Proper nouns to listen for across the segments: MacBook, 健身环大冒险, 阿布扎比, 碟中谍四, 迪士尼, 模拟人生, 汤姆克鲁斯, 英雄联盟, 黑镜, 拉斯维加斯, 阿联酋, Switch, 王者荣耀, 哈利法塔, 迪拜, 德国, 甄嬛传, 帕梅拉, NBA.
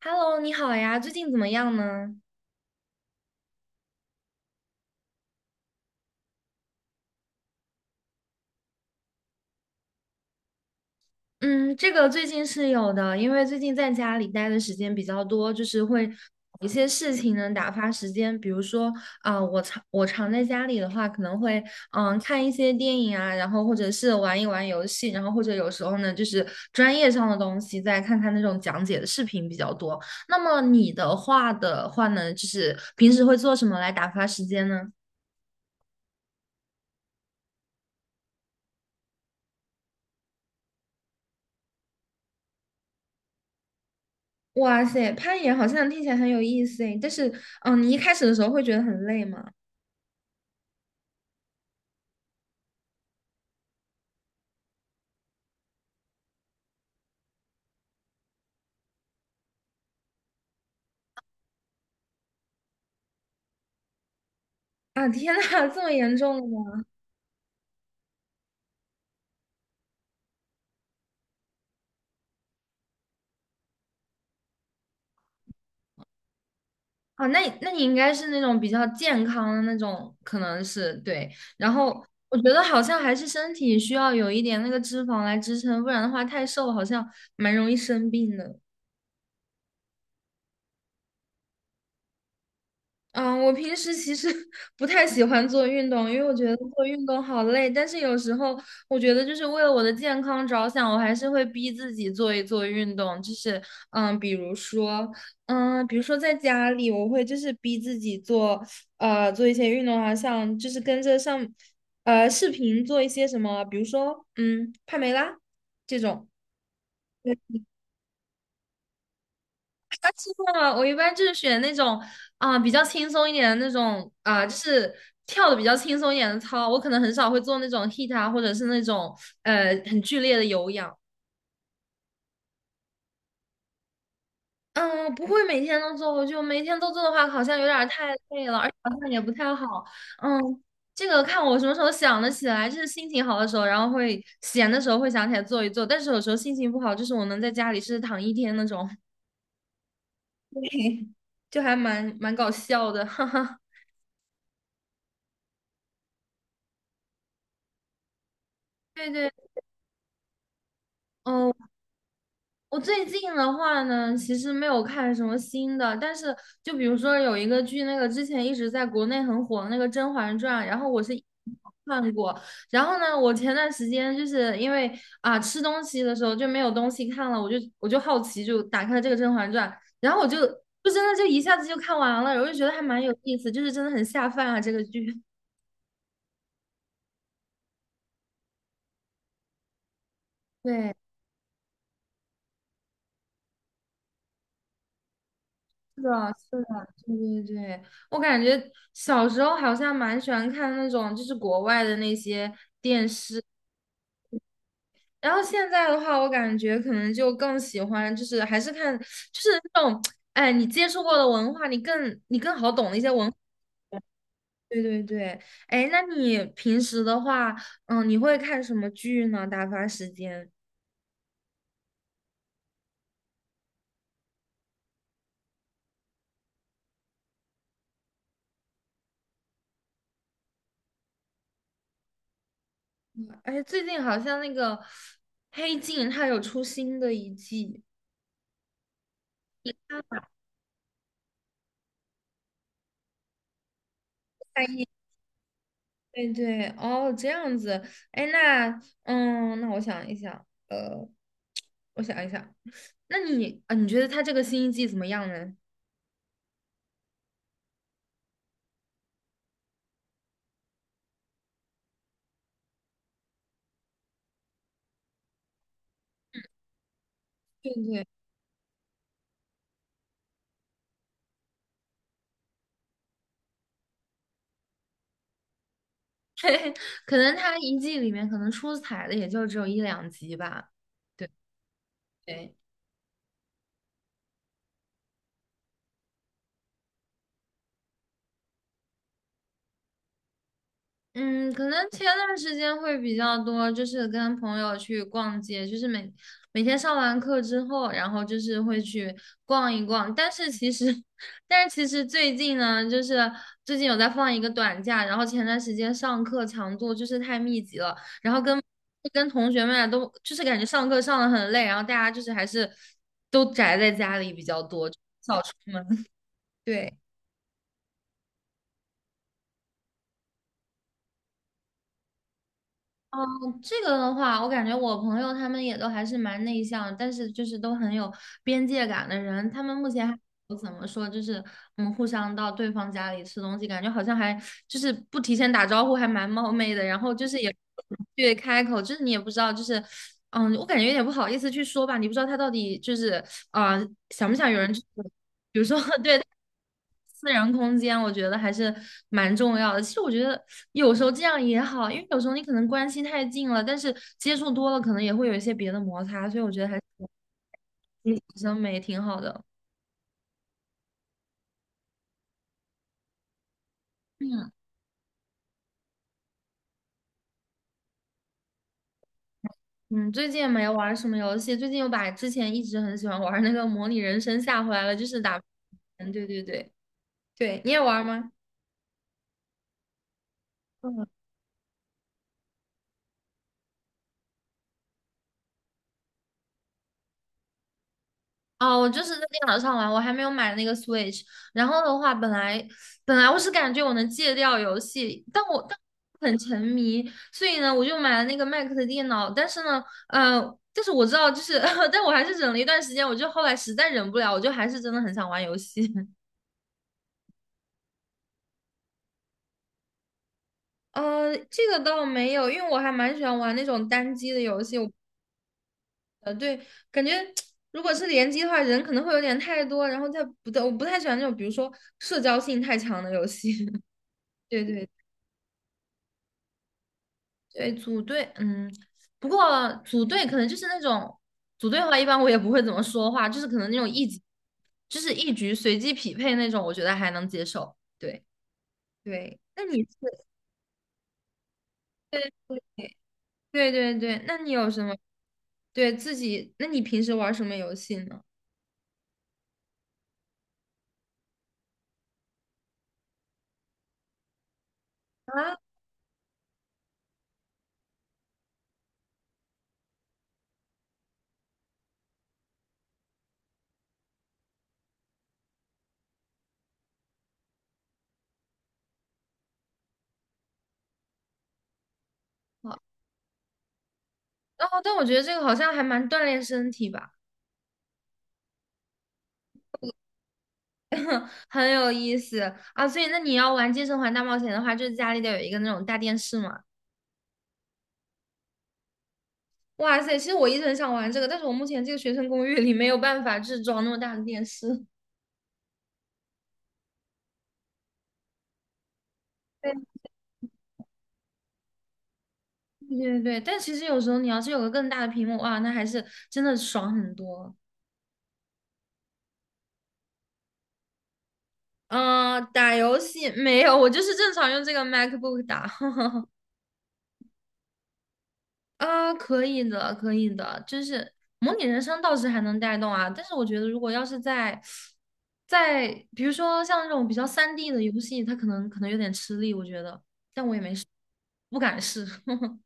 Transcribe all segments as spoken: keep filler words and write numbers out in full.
Hello，你好呀，最近怎么样呢？嗯，这个最近是有的，因为最近在家里待的时间比较多，就是会有一些事情能打发时间，比如说啊、我常我常在家里的话，可能会嗯看一些电影啊，然后或者是玩一玩游戏，然后或者有时候呢就是专业上的东西，再看看那种讲解的视频比较多。那么你的话的话呢，就是平时会做什么来打发时间呢？哇塞，攀岩好像听起来很有意思诶，但是，嗯，你一开始的时候会觉得很累吗？啊，天呐，这么严重的吗？啊，那你那你应该是那种比较健康的那种，可能是对。然后我觉得好像还是身体需要有一点那个脂肪来支撑，不然的话太瘦了好像蛮容易生病的。嗯，我平时其实 不太喜欢做运动，因为我觉得做运动好累。但是有时候我觉得，就是为了我的健康着想，我还是会逼自己做一做运动。就是，嗯，比如说，嗯，比如说在家里，我会就是逼自己做，呃，做一些运动啊，像就是跟着上，呃，视频做一些什么，比如说，嗯，帕梅拉这种。啊，真的啊，我一般就是选那种啊、比较轻松一点的那种啊、就是跳的比较轻松一点的操。我可能很少会做那种 h i I t 啊，或者是那种呃很剧烈的有氧。嗯，不会每天都做，我就每天都做的话，好像有点儿太累了，而且好像也不太好。嗯，这个看我什么时候想得起来，就是心情好的时候，然后会闲的时候会想起来做一做。但是有时候心情不好，就是我能在家里是躺一天那种，就还蛮蛮搞笑的，哈哈。对对。哦，我最近的话呢，其实没有看什么新的，但是就比如说有一个剧，那个之前一直在国内很火的那个《甄嬛传》，然后我是看过，然后呢，我前段时间就是因为啊吃东西的时候就没有东西看了，我就我就好奇就打开了这个《甄嬛传》，然后我就就真的就一下子就看完了，我就觉得还蛮有意思，就是真的很下饭啊这个剧。对，是的，是的，对对对，我感觉小时候好像蛮喜欢看那种就是国外的那些电视，然后现在的话，我感觉可能就更喜欢就是还是看就是那种，哎，你接触过的文化，你更你更好懂的一些文化对对对，哎，那你平时的话，嗯，你会看什么剧呢？打发时间？哎，最近好像那个《黑镜》它有出新的一季。对对，哦，这样子，哎，那，嗯，那我想一想，呃，我想一想，那你啊，你觉得他这个新一季怎么样呢？对对，可能他一季里面可能出彩的也就只有一两集吧。对对。嗯，可能前段时间会比较多，就是跟朋友去逛街，就是每每天上完课之后，然后就是会去逛一逛。但是其实，但是其实最近呢，就是最近有在放一个短假，然后前段时间上课强度就是太密集了，然后跟跟同学们啊都就是感觉上课上的很累，然后大家就是还是都宅在家里比较多，就少出门。对。嗯这个的话，我感觉我朋友他们也都还是蛮内向，但是就是都很有边界感的人。他们目前还不怎么说，就是嗯，互相到对方家里吃东西，感觉好像还就是不提前打招呼，还蛮冒昧的。然后就是也对开口，就是你也不知道，就是嗯，我感觉有点不好意思去说吧，你不知道他到底就是啊、呃想不想有人就是私人空间，我觉得还是蛮重要的。其实我觉得有时候这样也好，因为有时候你可能关系太近了，但是接触多了，可能也会有一些别的摩擦，所以我觉得还是心理健美挺好的。嗯嗯，最近也没玩什么游戏，最近又把之前一直很喜欢玩那个模拟人生下回来了，就是打 嗯，对对对对，你也玩吗？哦，我就是在电脑上玩，我还没有买那个 Switch。然后的话，本来本来我是感觉我能戒掉游戏，但我但我很沉迷，所以呢，我就买了那个 Mac 的电脑。但是呢，呃，但是我知道，就是，但我还是忍了一段时间，我就后来实在忍不了，我就还是真的很想玩游戏。呃，这个倒没有，因为我还蛮喜欢玩那种单机的游戏。我呃，对，感觉如果是联机的话，人可能会有点太多，然后再不对，我不太喜欢那种比如说社交性太强的游戏。对对对，组队，嗯，不过组队可能就是那种组队的话，一般我也不会怎么说话，就是可能那种一局，就是一局随机匹配那种，我觉得还能接受。对对，那你是 对对对对对，那你有什么对自己？那你平时玩什么游戏呢？啊，好，哦，但我觉得这个好像还蛮锻炼身体吧，很有意思啊。所以那你要玩《健身环大冒险》的话，就是家里得有一个那种大电视嘛。哇塞，其实我一直很想玩这个，但是我目前这个学生公寓里没有办法就是装那么大的电视。对对对对但其实有时候你要是有个更大的屏幕，哇，那还是真的爽很多。嗯、打游戏没有，我就是正常用这个 MacBook 打。啊可以的，可以的，就是模拟人生倒是还能带动啊，但是我觉得如果要是在在比如说像这种比较三 d 的游戏，它可能可能有点吃力，我觉得不敢试。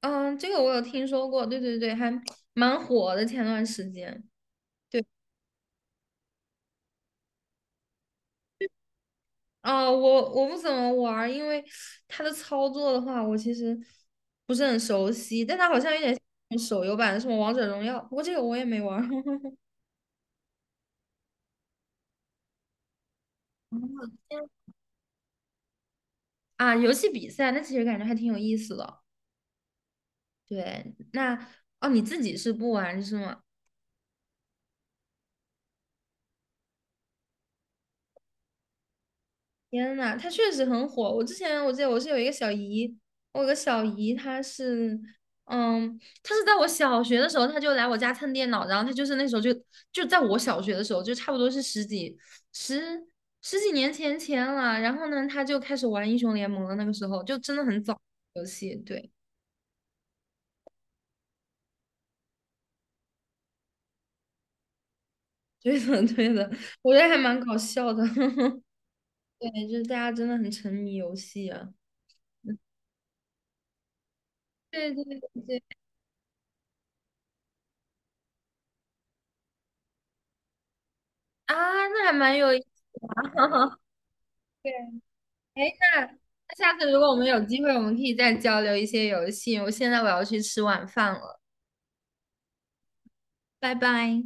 嗯，这个我有听说过，对对对，还蛮火的。前段时间，对，啊、我我不怎么玩儿，因为它的操作的话，我其实不是很熟悉，但它好像有点像手游版的什么王者荣耀，不过这个我也没玩儿 啊。游戏比赛，那其实感觉还挺有意思的。对，那哦，你自己是不玩是吗？天呐，他确实很火。我之前我记得我是有一个小姨，我有个小姨，她是，嗯，她是在我小学的时候，她就来我家蹭电脑，然后她就是那时候就就在我小学的时候，就差不多是十几十十几年前前了。然后呢，她就开始玩英雄联盟了，那个时候就真的很早游戏，对，对的 对的，我觉得还蛮搞笑的，对，就是大家真的很沉迷游戏啊，对对对啊，那还蛮有意思。哎，那那下次如果我们有机会，我们可以再交流一些游戏。我现在我要去吃晚饭了，拜拜。